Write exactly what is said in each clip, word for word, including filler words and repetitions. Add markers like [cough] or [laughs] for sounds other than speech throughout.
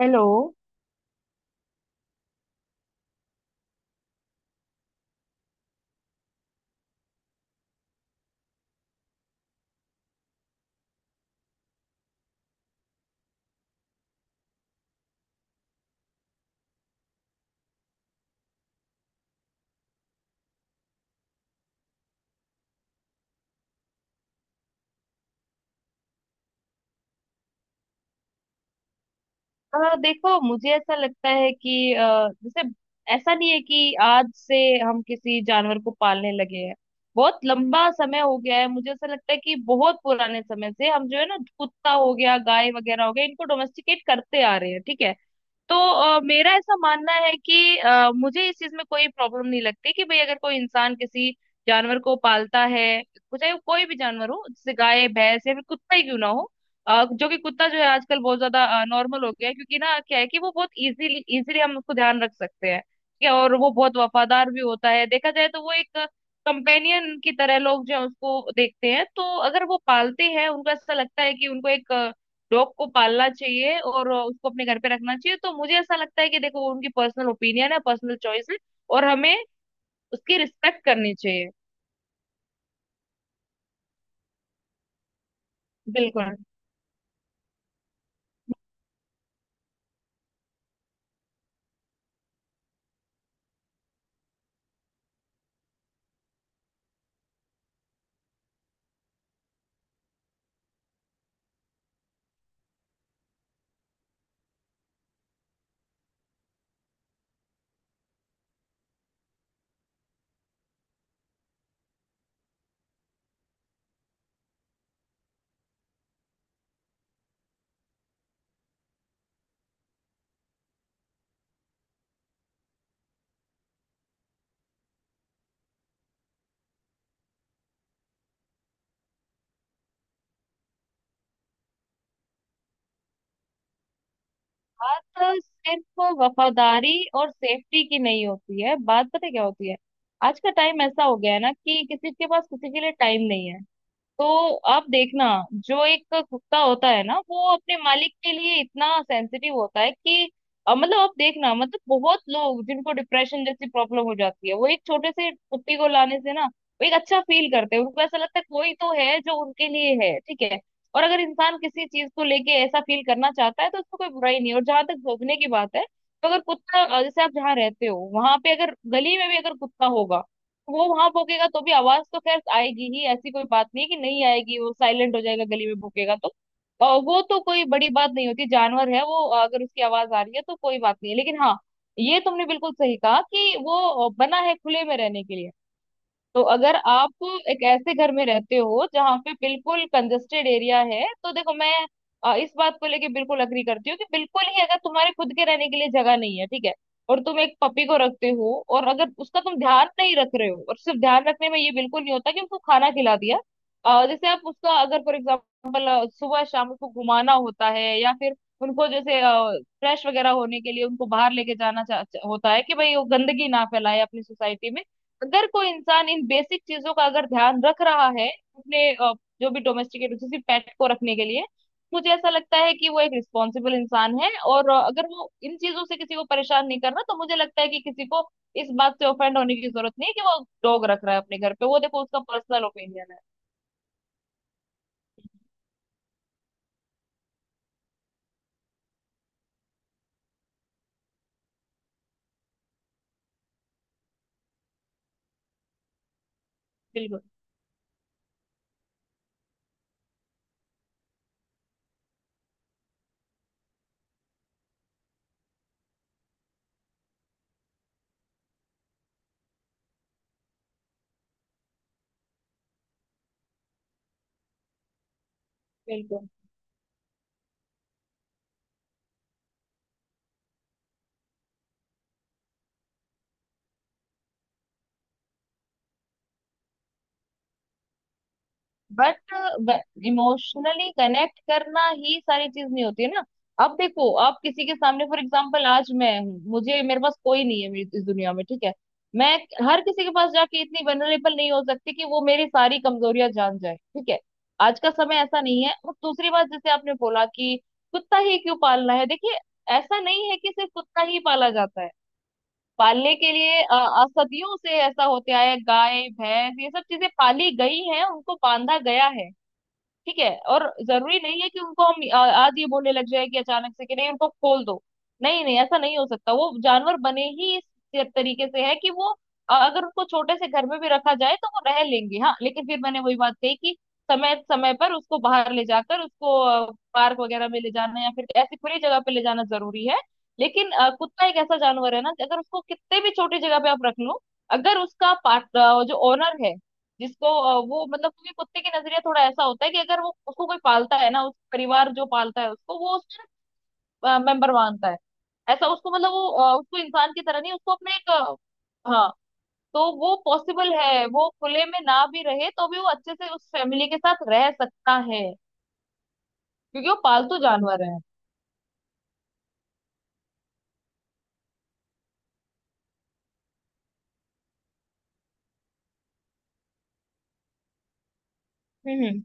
Hello. अ, देखो मुझे ऐसा लगता है कि अ, जैसे ऐसा नहीं है कि आज से हम किसी जानवर को पालने लगे हैं। बहुत लंबा समय हो गया है। मुझे ऐसा लगता है कि बहुत पुराने समय से हम जो है ना कुत्ता हो गया, गाय वगैरह हो गया, इनको डोमेस्टिकेट करते आ रहे हैं, ठीक है। तो अ, मेरा ऐसा मानना है कि अ, मुझे इस चीज में कोई प्रॉब्लम नहीं लगती कि भाई अगर कोई इंसान किसी जानवर को पालता है, चाहे वो कोई भी जानवर हो जैसे गाय, भैंस या फिर कुत्ता ही क्यों ना हो। अ, जो कि कुत्ता जो है आजकल बहुत ज्यादा नॉर्मल हो गया है, क्योंकि ना क्या है कि वो बहुत इजीली इजीली हम उसको ध्यान रख सकते हैं, ठीक है। और वो बहुत वफादार भी होता है, देखा जाए तो वो एक कंपेनियन की तरह लोग जो है उसको देखते हैं। तो अगर वो पालते हैं उनको ऐसा लगता है कि उनको एक डॉग को पालना चाहिए और उसको अपने घर पे रखना चाहिए, तो मुझे ऐसा लगता है कि देखो वो उनकी पर्सनल ओपिनियन है, पर्सनल चॉइस है और हमें उसकी रिस्पेक्ट करनी चाहिए। बिल्कुल। बात सिर्फ वफादारी और सेफ्टी की नहीं होती है। बात पता है क्या होती है? आज का टाइम ऐसा हो गया है ना कि किसी के पास किसी के लिए टाइम नहीं है। तो आप देखना, जो एक कुत्ता होता है ना वो अपने मालिक के लिए इतना सेंसिटिव होता है कि अ, मतलब आप देखना, मतलब बहुत लोग जिनको डिप्रेशन जैसी प्रॉब्लम हो जाती है वो एक छोटे से कुत्ती को लाने से ना वो एक अच्छा फील करते हैं। उनको ऐसा लगता है कोई तो है जो उनके लिए है, ठीक है। और अगर इंसान किसी चीज को लेके ऐसा फील करना चाहता है तो उसको कोई बुराई नहीं है। और जहां तक भौंकने की बात है, तो अगर कुत्ता अ, जैसे आप जहाँ रहते हो वहां पे अगर गली में भी अगर कुत्ता होगा वो वहां भौंकेगा तो भी आवाज तो खैर आएगी ही। ऐसी कोई बात नहीं है कि नहीं आएगी, वो साइलेंट हो जाएगा। गली में भौंकेगा तो, और वो तो कोई बड़ी बात नहीं होती, जानवर है वो। अगर उसकी आवाज आ रही है तो कोई बात नहीं है। लेकिन हाँ, ये तुमने बिल्कुल सही कहा कि वो बना है खुले में रहने के लिए। तो अगर आप एक ऐसे घर में रहते हो जहाँ पे बिल्कुल कंजेस्टेड एरिया है तो देखो मैं अ, इस बात को लेके बिल्कुल अग्री करती हूँ कि बिल्कुल ही अगर तुम्हारे खुद के रहने के लिए जगह नहीं है, ठीक है, और तुम एक पपी को रखते हो और अगर उसका तुम ध्यान नहीं रख रहे हो। और सिर्फ ध्यान रखने में ये बिल्कुल नहीं होता कि उसको खाना खिला दिया। अ, जैसे आप उसका अगर फॉर एग्जाम्पल सुबह शाम उसको घुमाना होता है या फिर उनको जैसे फ्रेश वगैरह होने के लिए उनको बाहर लेके जाना चा, चा- होता है कि भाई वो गंदगी ना फैलाए अपनी सोसाइटी में। अगर कोई इंसान इन बेसिक चीजों का अगर ध्यान रख रहा है अपने अ, जो भी डोमेस्टिकेट जैसे पेट को रखने के लिए, मुझे ऐसा लगता है कि वो एक रिस्पॉन्सिबल इंसान है। और अ, अगर वो इन चीजों से किसी को परेशान नहीं करना तो मुझे लगता है कि किसी को इस बात से ऑफेंड होने की जरूरत नहीं है कि वो डॉग रख रहा है अपने घर पे। वो देखो उसका पर्सनल ओपिनियन है। बिल्कुल, बिल्कुल। बट इमोशनली कनेक्ट करना ही सारी चीज नहीं होती है ना। अब देखो, आप किसी के सामने फॉर एग्जांपल आज मैं हूँ, मुझे मेरे पास कोई नहीं है मेरी इस दुनिया में, ठीक है। मैं हर किसी के पास जाके इतनी वनरेबल नहीं हो सकती कि वो मेरी सारी कमजोरियां जान जाए, ठीक है। आज का समय ऐसा नहीं है। और दूसरी बात, जैसे आपने बोला कि कुत्ता ही क्यों पालना है, देखिए ऐसा नहीं है कि सिर्फ कुत्ता ही पाला जाता है। पालने के लिए अ, अ, सदियों से ऐसा होते आया है, गाय, भैंस ये सब चीजें पाली गई हैं, उनको बांधा गया है, ठीक है। और जरूरी नहीं है कि उनको हम आ- आज ये बोलने लग जाए कि अचानक से कि नहीं, उनको खोल दो। नहीं नहीं, ऐसा नहीं हो सकता। वो जानवर बने ही इस तरीके से है कि वो अ, अगर उनको छोटे से घर में भी रखा जाए तो वो रह लेंगे। हाँ, लेकिन फिर मैंने वही बात कही कि समय समय पर उसको बाहर ले जाकर उसको अ, पार्क वगैरह में ले जाना या फिर ऐसी खुली जगह पे ले जाना जरूरी है। लेकिन अ, कुत्ता एक ऐसा जानवर है ना कि अगर उसको कितने भी छोटी जगह पे आप रख लो, अगर उसका पार्ट अ, जो ओनर है, जिसको अ, वो मतलब, क्योंकि कुत्ते की नजरिया थोड़ा ऐसा होता है कि अगर वो उसको कोई पालता है ना उस परिवार जो पालता है उसको वो उसका मेंबर मानता है। ऐसा उसको मतलब वो अ, उसको इंसान की तरह नहीं, उसको अपने एक अ, हाँ तो वो पॉसिबल है वो खुले में ना भी रहे तो भी वो अच्छे से उस फैमिली के साथ रह सकता है, क्योंकि वो पालतू जानवर है। हम्म।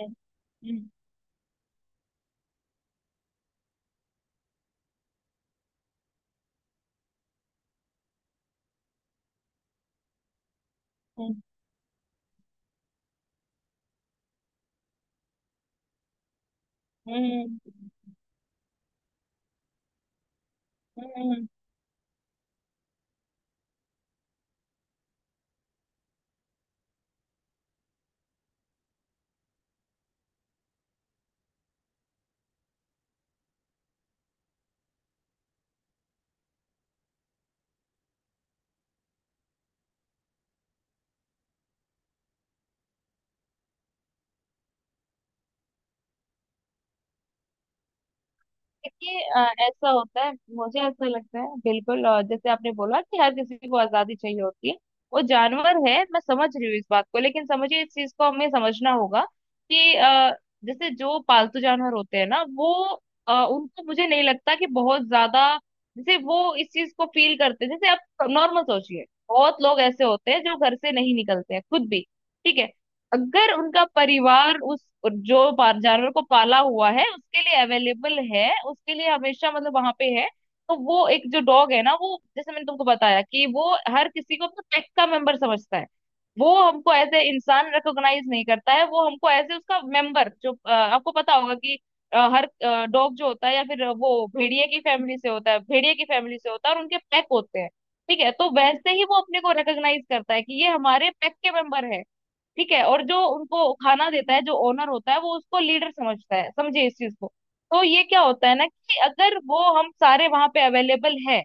हम्म। हम्म। हम्म। हम्म। हम्म। हम्म। हम्म। देखिए, अ, ऐसा होता है, मुझे ऐसा लगता है बिल्कुल। और जैसे आपने बोला कि हर किसी को आजादी चाहिए होती है, वो जानवर है, मैं समझ रही हूँ इस बात को, लेकिन समझिए इस चीज को हमें समझना होगा कि अ, जैसे जो पालतू जानवर होते हैं ना वो अ, उनको मुझे नहीं लगता कि बहुत ज्यादा जैसे वो इस चीज को फील करते हैं। जैसे आप नॉर्मल सोचिए, बहुत लोग ऐसे होते हैं जो घर से नहीं निकलते हैं खुद भी, ठीक है। अगर उनका परिवार उस जो पा- जानवर को पाला हुआ है उसके लिए अवेलेबल है, उसके लिए हमेशा मतलब वहां पे है, तो वो एक जो डॉग है ना, वो जैसे मैंने तुमको बताया कि वो हर किसी को अपना पेट का मेंबर समझता है। वो हमको एज ए इंसान रिकॉग्नाइज नहीं करता है, वो हमको एज ए उसका मेंबर जो अ, आपको पता होगा कि अ, हर डॉग जो होता है या फिर वो भेड़िए की फैमिली से होता है, भेड़िए की फैमिली से होता है और उनके पैक होते हैं, ठीक है। तो वैसे ही वो अपने को रिकॉग्नाइज करता है कि ये हमारे पैक के मेंबर है, ठीक है। और जो उनको खाना देता है जो ओनर होता है वो उसको लीडर समझता है, समझे इस चीज को। तो ये क्या होता है ना कि अगर वो हम सारे वहां पे अवेलेबल है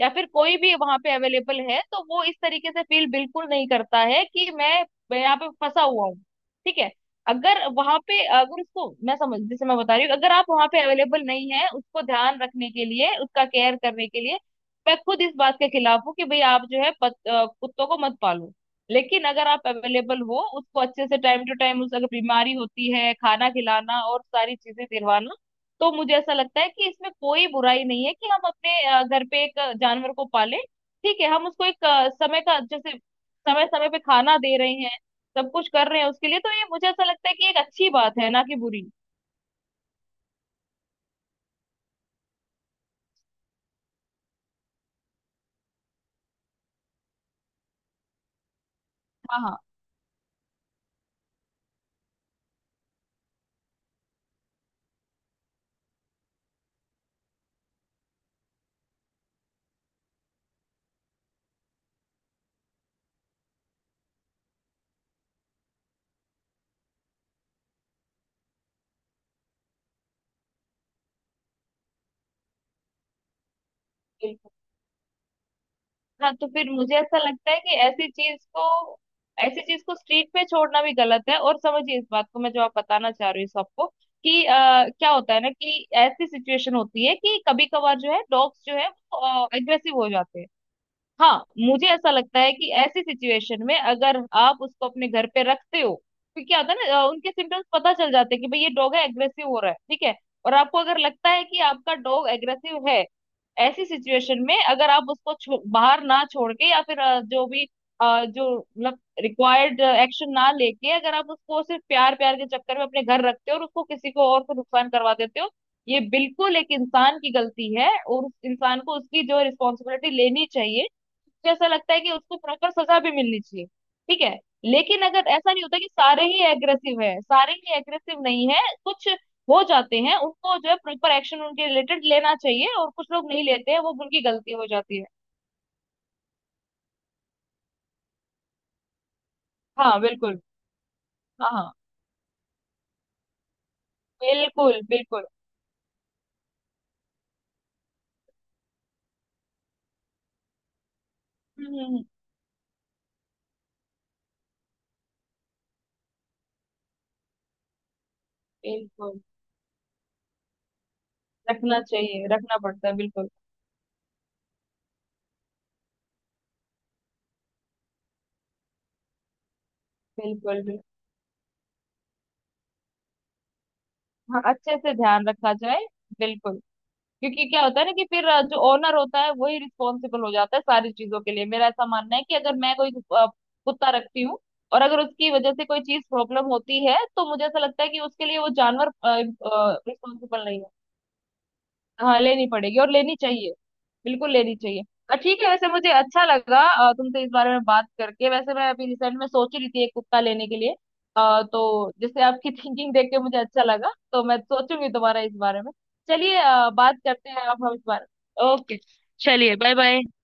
या फिर कोई भी वहां पे अवेलेबल है तो वो इस तरीके से फील बिल्कुल नहीं करता है कि मैं मैं यहाँ पे फंसा हुआ हूँ, ठीक है। अगर वहां पे अगर उसको मैं समझ जैसे मैं बता रही हूँ, अगर आप वहां पे अवेलेबल नहीं है उसको ध्यान रखने के लिए, उसका केयर करने के लिए, मैं खुद इस बात के खिलाफ हूँ कि भाई आप जो है पत, अ, कुत्तों को मत पालो। लेकिन अगर आप अवेलेबल हो उसको अच्छे से टाइम टू टाइम, उस अगर बीमारी होती है, खाना खिलाना और सारी चीजें दिलवाना, तो मुझे ऐसा लगता है कि इसमें कोई बुराई नहीं है कि हम अपने अ, घर पे एक अ, जानवर को पालें, ठीक है। हम उसको एक अ, समय का जैसे समय समय पे खाना दे रहे हैं, सब कुछ कर रहे हैं उसके लिए, तो ये मुझे ऐसा लगता है कि एक अच्छी बात है ना कि बुरी। हाँ, हाँ, बिल्कुल। हाँ, तो फिर मुझे ऐसा लगता है कि ऐसी चीज को, ऐसी चीज को स्ट्रीट पे छोड़ना भी गलत है। और समझिए इस बात को, मैं जो आप बताना चाह रही हूँ सबको कि अ, क्या होता है ना कि ऐसी सिचुएशन होती है कि कभी कभार जो है डॉग्स जो है वो एग्रेसिव हो जाते हैं। हाँ, मुझे ऐसा लगता है कि ऐसी सिचुएशन में अगर आप उसको अपने घर पे रखते हो तो क्या होता है ना, अ, उनके सिम्टम्स पता चल जाते हैं कि भाई ये डॉग है एग्रेसिव हो रहा है, ठीक है। और आपको अगर लगता है कि आपका डॉग एग्रेसिव है ऐसी सिचुएशन में अगर आप उसको छो- बाहर ना छोड़ के या फिर अ, जो भी अ, जो मतलब रिक्वायर्ड एक्शन ना लेके अगर आप उसको सिर्फ प्यार प्यार के चक्कर में अपने घर रखते हो और उसको किसी को और को नुकसान करवा देते हो, ये बिल्कुल एक इंसान की गलती है और उस इंसान को उसकी जो रिस्पॉन्सिबिलिटी लेनी चाहिए। जैसा लगता है कि उसको प्रॉपर सजा भी मिलनी चाहिए, ठीक है। लेकिन अगर ऐसा नहीं होता कि सारे ही एग्रेसिव है, सारे ही एग्रेसिव नहीं है, कुछ हो जाते हैं। उनको जो है प्रॉपर एक्शन उनके रिलेटेड लेना चाहिए, और कुछ लोग नहीं लेते हैं वो उनकी गलती हो जाती है। हाँ, बिल्कुल। हाँ, हाँ। बिल्कुल, बिल्कुल। हम्म। हम्म। हम्म। बिल्कुल। रखना चाहिए, रखना पड़ता है, बिल्कुल। बिल्कुल। बिल्कुल। हाँ, अच्छे से ध्यान रखा जाए। बिल्कुल। क्योंकि क्या होता है ना कि फिर अ, जो ओनर होता है वही रिस्पॉन्सिबल हो जाता है सारी चीजों के लिए। मेरा ऐसा मानना है कि अगर मैं कोई अ, कुत्ता रखती हूँ और अगर उसकी वजह से कोई चीज प्रॉब्लम होती है, तो मुझे ऐसा लगता है कि उसके लिए वो जानवर रिस्पॉन्सिबल नहीं है। हाँ, लेनी पड़ेगी और लेनी चाहिए, बिल्कुल लेनी चाहिए। अ, ठीक है, वैसे मुझे अच्छा लगा अ, तुमसे इस बारे में बात करके। वैसे मैं अभी रिसेंट में सोच ही रही थी एक कुत्ता लेने के लिए, अ, तो जैसे आपकी [laughs] थिंकिंग देख के मुझे अच्छा लगा, तो मैं सोचूंगी दोबारा इस बारे में। चलिए अ, बात करते हैं आप हम इस बारे में। ओके। चलिए, बाय बाय।